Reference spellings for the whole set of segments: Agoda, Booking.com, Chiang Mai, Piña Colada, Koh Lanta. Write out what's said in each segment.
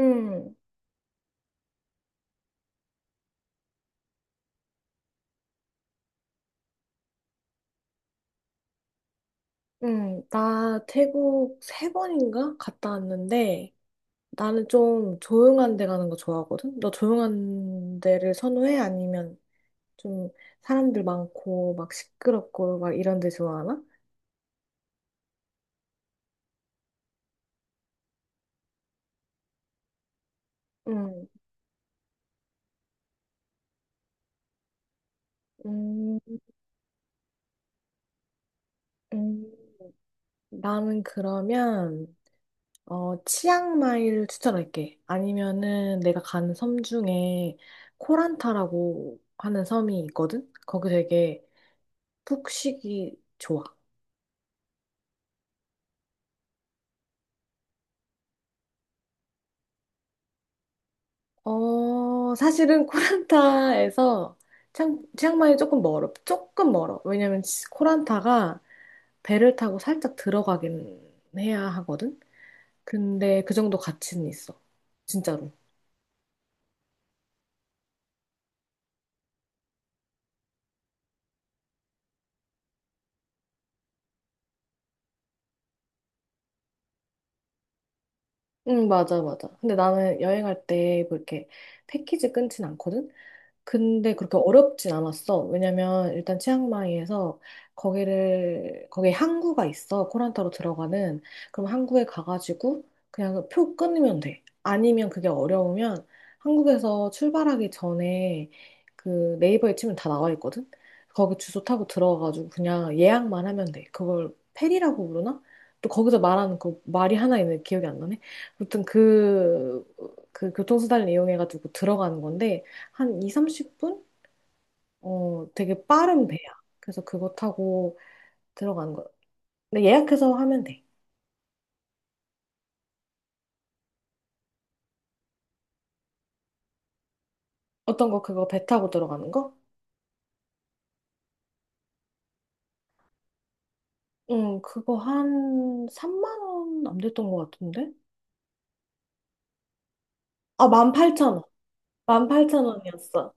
응, 응. 나 태국 세 번인가 갔다 왔는데, 나는 좀 조용한 데 가는 거 좋아하거든? 너 조용한 데를 선호해? 아니면 좀 사람들 많고 막 시끄럽고 막 이런 데 좋아하나? 응, 음, 음. 나는 그러면 치앙마이를 추천할게. 아니면은 내가 가는 섬 중에 코란타라고 하는 섬이 있거든? 거기 되게 푹 쉬기 좋아. 어, 사실은 코란타에서 치앙마이 조금 멀어. 조금 멀어. 왜냐면 코란타가 배를 타고 살짝 들어가긴 해야 하거든? 근데 그 정도 가치는 있어. 진짜로. 응, 맞아, 맞아. 근데 나는 여행할 때 뭐 이렇게 패키지 끊진 않거든? 근데 그렇게 어렵진 않았어. 왜냐면 일단 치앙마이에서 거기를 거기에 항구가 있어. 코란타로 들어가는. 그럼 항구에 가가지고 그냥 그 표 끊으면 돼. 아니면 그게 어려우면 한국에서 출발하기 전에 그 네이버에 치면 다 나와 있거든. 거기 주소 타고 들어가가지고 그냥 예약만 하면 돼. 그걸 페리라고 부르나? 또 거기서 말하는 그 말이 하나 있는데 기억이 안 나네. 아무튼 그, 교통수단을 이용해가지고 들어가는 건데 한 2, 30분? 어, 되게 빠른 배야. 그래서 그거 타고 들어가는 거. 근데 예약해서 하면 돼. 어떤 거, 그거 배 타고 들어가는 거? 응, 그거 한 3만 원 안 됐던 것 같은데? 아, 18,000원. 18,000원이었어.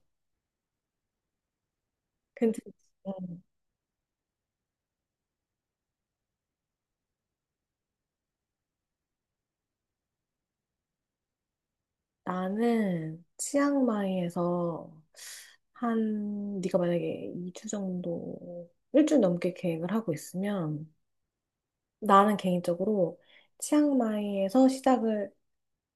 괜찮지? 응. 나는 치앙마이에서 네가 만약에 2주 정도, 일주일 넘게 계획을 하고 있으면 나는 개인적으로 치앙마이에서 시작을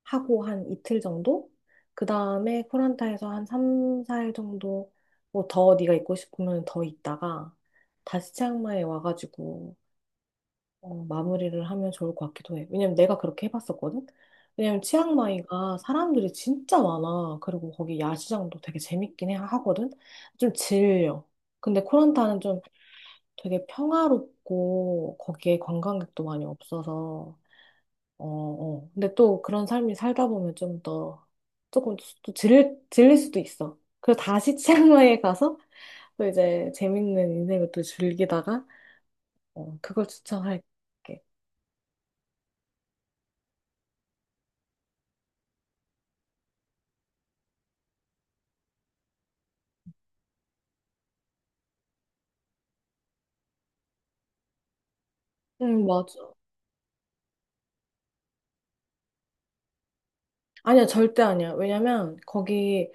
하고 한 이틀 정도? 그 다음에 코란타에서 한 3, 4일 정도 뭐 더 네가 있고 싶으면 더 있다가 다시 치앙마이에 와가지고 마무리를 하면 좋을 것 같기도 해. 왜냐면 내가 그렇게 해봤었거든? 왜냐면 치앙마이가 사람들이 진짜 많아. 그리고 거기 야시장도 되게 재밌긴 해, 하거든? 좀 질려. 근데 코란타는 좀 되게 평화롭고 거기에 관광객도 많이 없어서. 어, 어. 근데 또 그런 삶이 살다 보면 좀 더, 조금 또 질릴 수도 있어. 그래서 다시 치앙마이에 가서 또 이제 재밌는 인생을 또 즐기다가, 그걸 추천할게. 응, 맞아. 아니야, 절대 아니야. 왜냐면 거기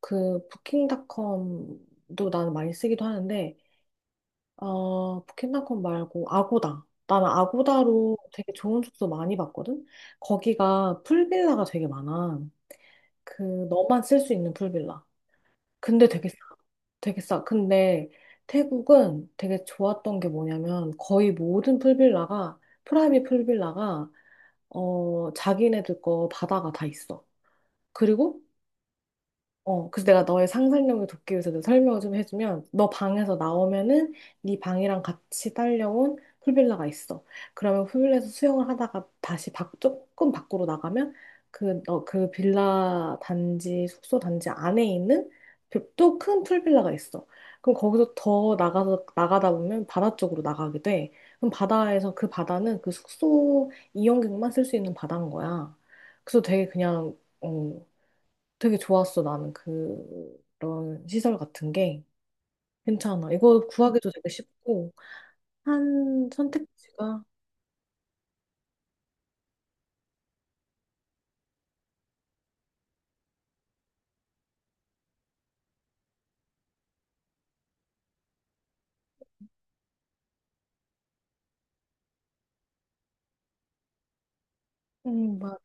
그 부킹닷컴도 나는 많이 쓰기도 하는데, 부킹닷컴 말고 아고다. 나는 아고다로 되게 좋은 숙소 많이 봤거든? 거기가 풀빌라가 되게 많아. 그, 너만 쓸 수 있는 풀빌라. 근데 되게 싸. 되게 싸. 근데 태국은 되게 좋았던 게 뭐냐면, 거의 모든 풀빌라가 프라이빗 풀빌라가, 자기네들 거 바다가 다 있어. 그리고 그래서 내가 너의 상상력을 돕기 위해서 내가 설명을 좀 해주면, 너 방에서 나오면은 네 방이랑 같이 딸려온 풀빌라가 있어. 그러면 풀빌라에서 수영을 하다가 다시 조금 밖으로 나가면 그 숙소 단지 안에 있는 그 또큰 풀빌라가 있어. 그럼 거기서 더 나가서, 나가다 보면 바다 쪽으로 나가게 돼. 그럼 바다에서 그 바다는 그 숙소 이용객만 쓸 수 있는 바다인 거야. 그래서 되게 그냥, 되게 좋았어, 나는 그런 시설 같은 게. 괜찮아. 이거 구하기도 되게 쉽고, 한 선택지가, 막,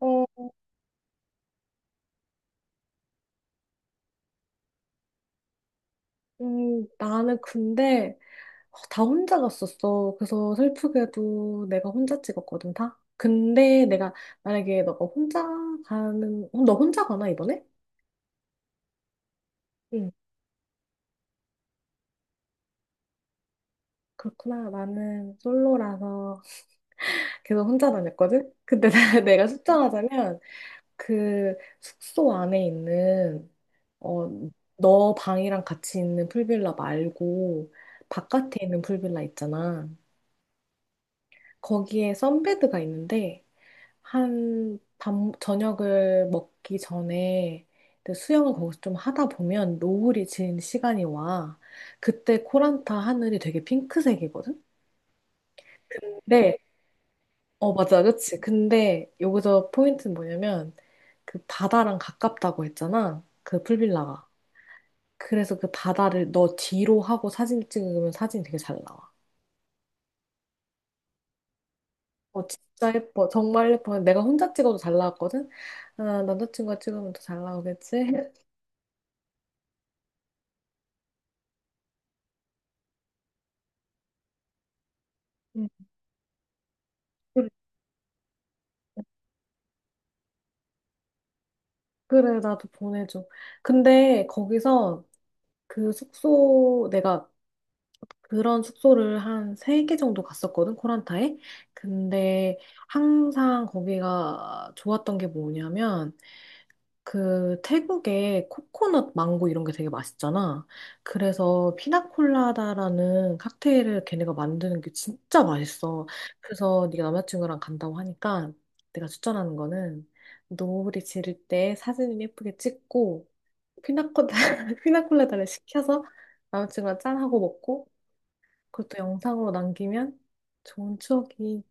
어, 나는 근데 다 혼자 갔었어. 그래서 슬프게도 내가 혼자 찍었거든, 다. 만약에 너가 혼자 너 혼자 가나, 이번에? 응, 그렇구나. 나는 솔로라서 계속 혼자 다녔거든? 근데 내가 숫정하자면 그 숙소 안에 있는, 어, 너 방이랑 같이 있는 풀빌라 말고 바깥에 있는 풀빌라 있잖아. 거기에 선베드가 있는데 저녁을 먹기 전에 이제 수영을 거기서 좀 하다 보면 노을이 지는 시간이 와. 그때 코란타 하늘이 되게 핑크색이거든? 근데, 맞아, 그치. 근데 여기서 포인트는 뭐냐면, 그 바다랑 가깝다고 했잖아, 그 풀빌라가. 그래서 그 바다를 너 뒤로 하고 사진 찍으면 사진이 되게 잘 나와. 어, 진짜 예뻐. 정말 예뻐. 내가 혼자 찍어도 잘 나왔거든? 아, 남자친구가 찍으면 더 잘 나오겠지? 응. 그래, 그래, 나도 보내줘. 근데 거기서 내가 그런 숙소를 한 세 개 정도 갔었거든, 코란타에. 근데 항상 거기가 좋았던 게 뭐냐면, 그 태국의 코코넛 망고 이런 게 되게 맛있잖아. 그래서 피나콜라다라는 칵테일을 걔네가 만드는 게 진짜 맛있어. 그래서 네가 남자친구랑 간다고 하니까 내가 추천하는 거는 노을이 지를 때 사진을 예쁘게 찍고 피나콜라 피나콜라다를 시켜서 남자친구랑 짠하고 먹고 그것도 영상으로 남기면 좋은 추억이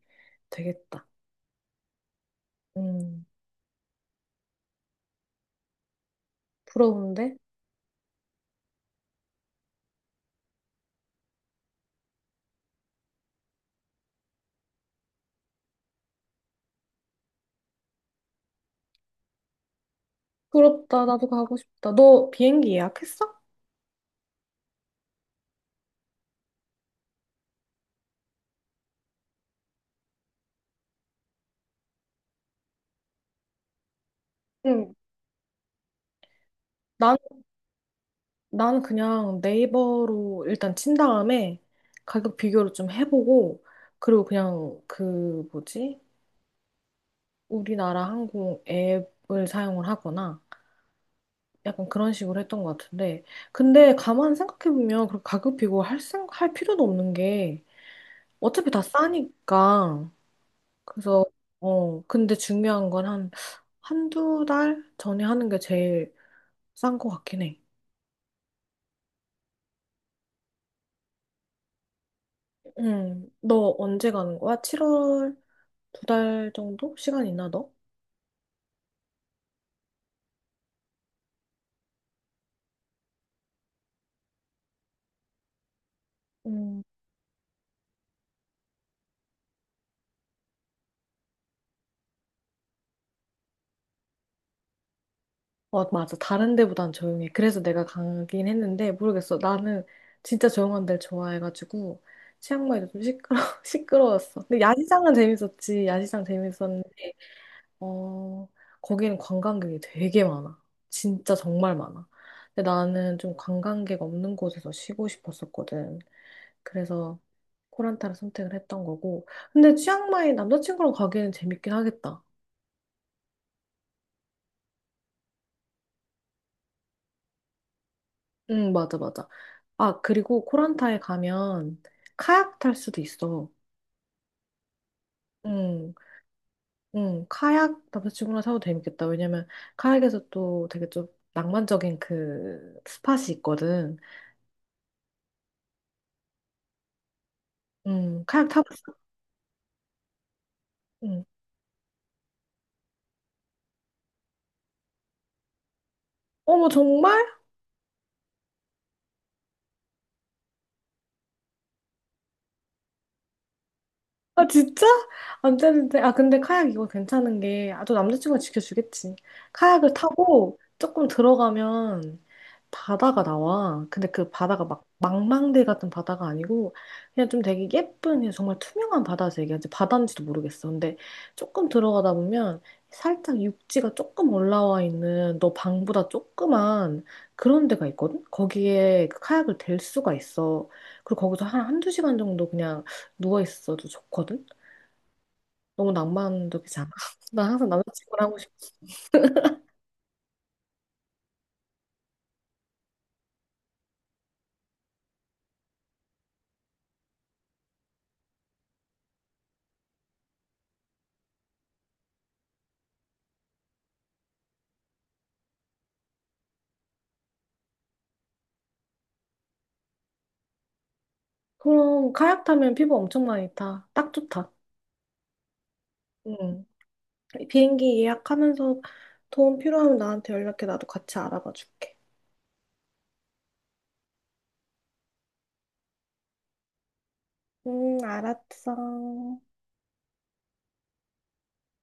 되겠다. 음, 부러운데? 부럽다. 나도 가고 싶다. 너 비행기 예약했어? 응. 난, 나는 그냥 네이버로 일단 친 다음에 가격 비교를 좀 해보고, 그리고 그냥 그, 뭐지? 우리나라 항공 앱을 사용을 하거나, 약간 그런 식으로 했던 것 같은데. 근데 가만 생각해보면, 그렇게 가격 비교할 할 필요도 없는 게, 어차피 다 싸니까. 그래서, 근데 중요한 건 한두 달 전에 하는 게 제일 싼 것 같긴 해. 응, 너 언제 가는 거야? 7월? 두 달 정도? 시간 있나 너? 음, 맞아. 다른 데보단 조용해. 그래서 내가 가긴 했는데 모르겠어. 나는 진짜 조용한 데를 좋아해가지고 치앙마이도 좀 시끄러 시끄러웠어. 근데 야시장은 재밌었지. 야시장 재밌었는데 어 거기는 관광객이 되게 많아. 진짜 정말 많아. 근데 나는 좀 관광객 없는 곳에서 쉬고 싶었었거든. 그래서 코란타를 선택을 했던 거고. 근데 치앙마이 남자친구랑 가기에는 재밌긴 하겠다. 응, 맞아, 맞아. 아, 그리고 코란타에 가면 카약 탈 수도 있어. 응, 응, 카약 남자친구랑 타도 재밌겠다. 왜냐면 카약에서 또 되게 좀 낭만적인 그 스팟이 있거든. 응, 카약 타봤어? 응. 어머, 정말? 아, 진짜? 안 되는데. 아, 근데 카약 이거 괜찮은 게, 아, 또 남자친구가 지켜주겠지. 카약을 타고 조금 들어가면 바다가 나와. 근데 그 바다가 막 망망대 같은 바다가 아니고, 그냥 좀 되게 예쁜, 그냥 정말 투명한 바다에서 얘기하지. 바다인지도 모르겠어. 근데 조금 들어가다 보면 살짝 육지가 조금 올라와 있는 너 방보다 조그만 그런 데가 있거든? 거기에 그 카약을 댈 수가 있어. 그리고 거기서 한 한두 시간 정도 그냥 누워있어도 좋거든? 너무 낭만적이지 않아? 나 항상 남자친구랑 하고 싶어. 그럼 카약 타면 피부 엄청 많이 타. 딱 좋다. 응. 비행기 예약하면서 도움 필요하면 나한테 연락해. 나도 같이 알아봐 줄게. 응, 알았어.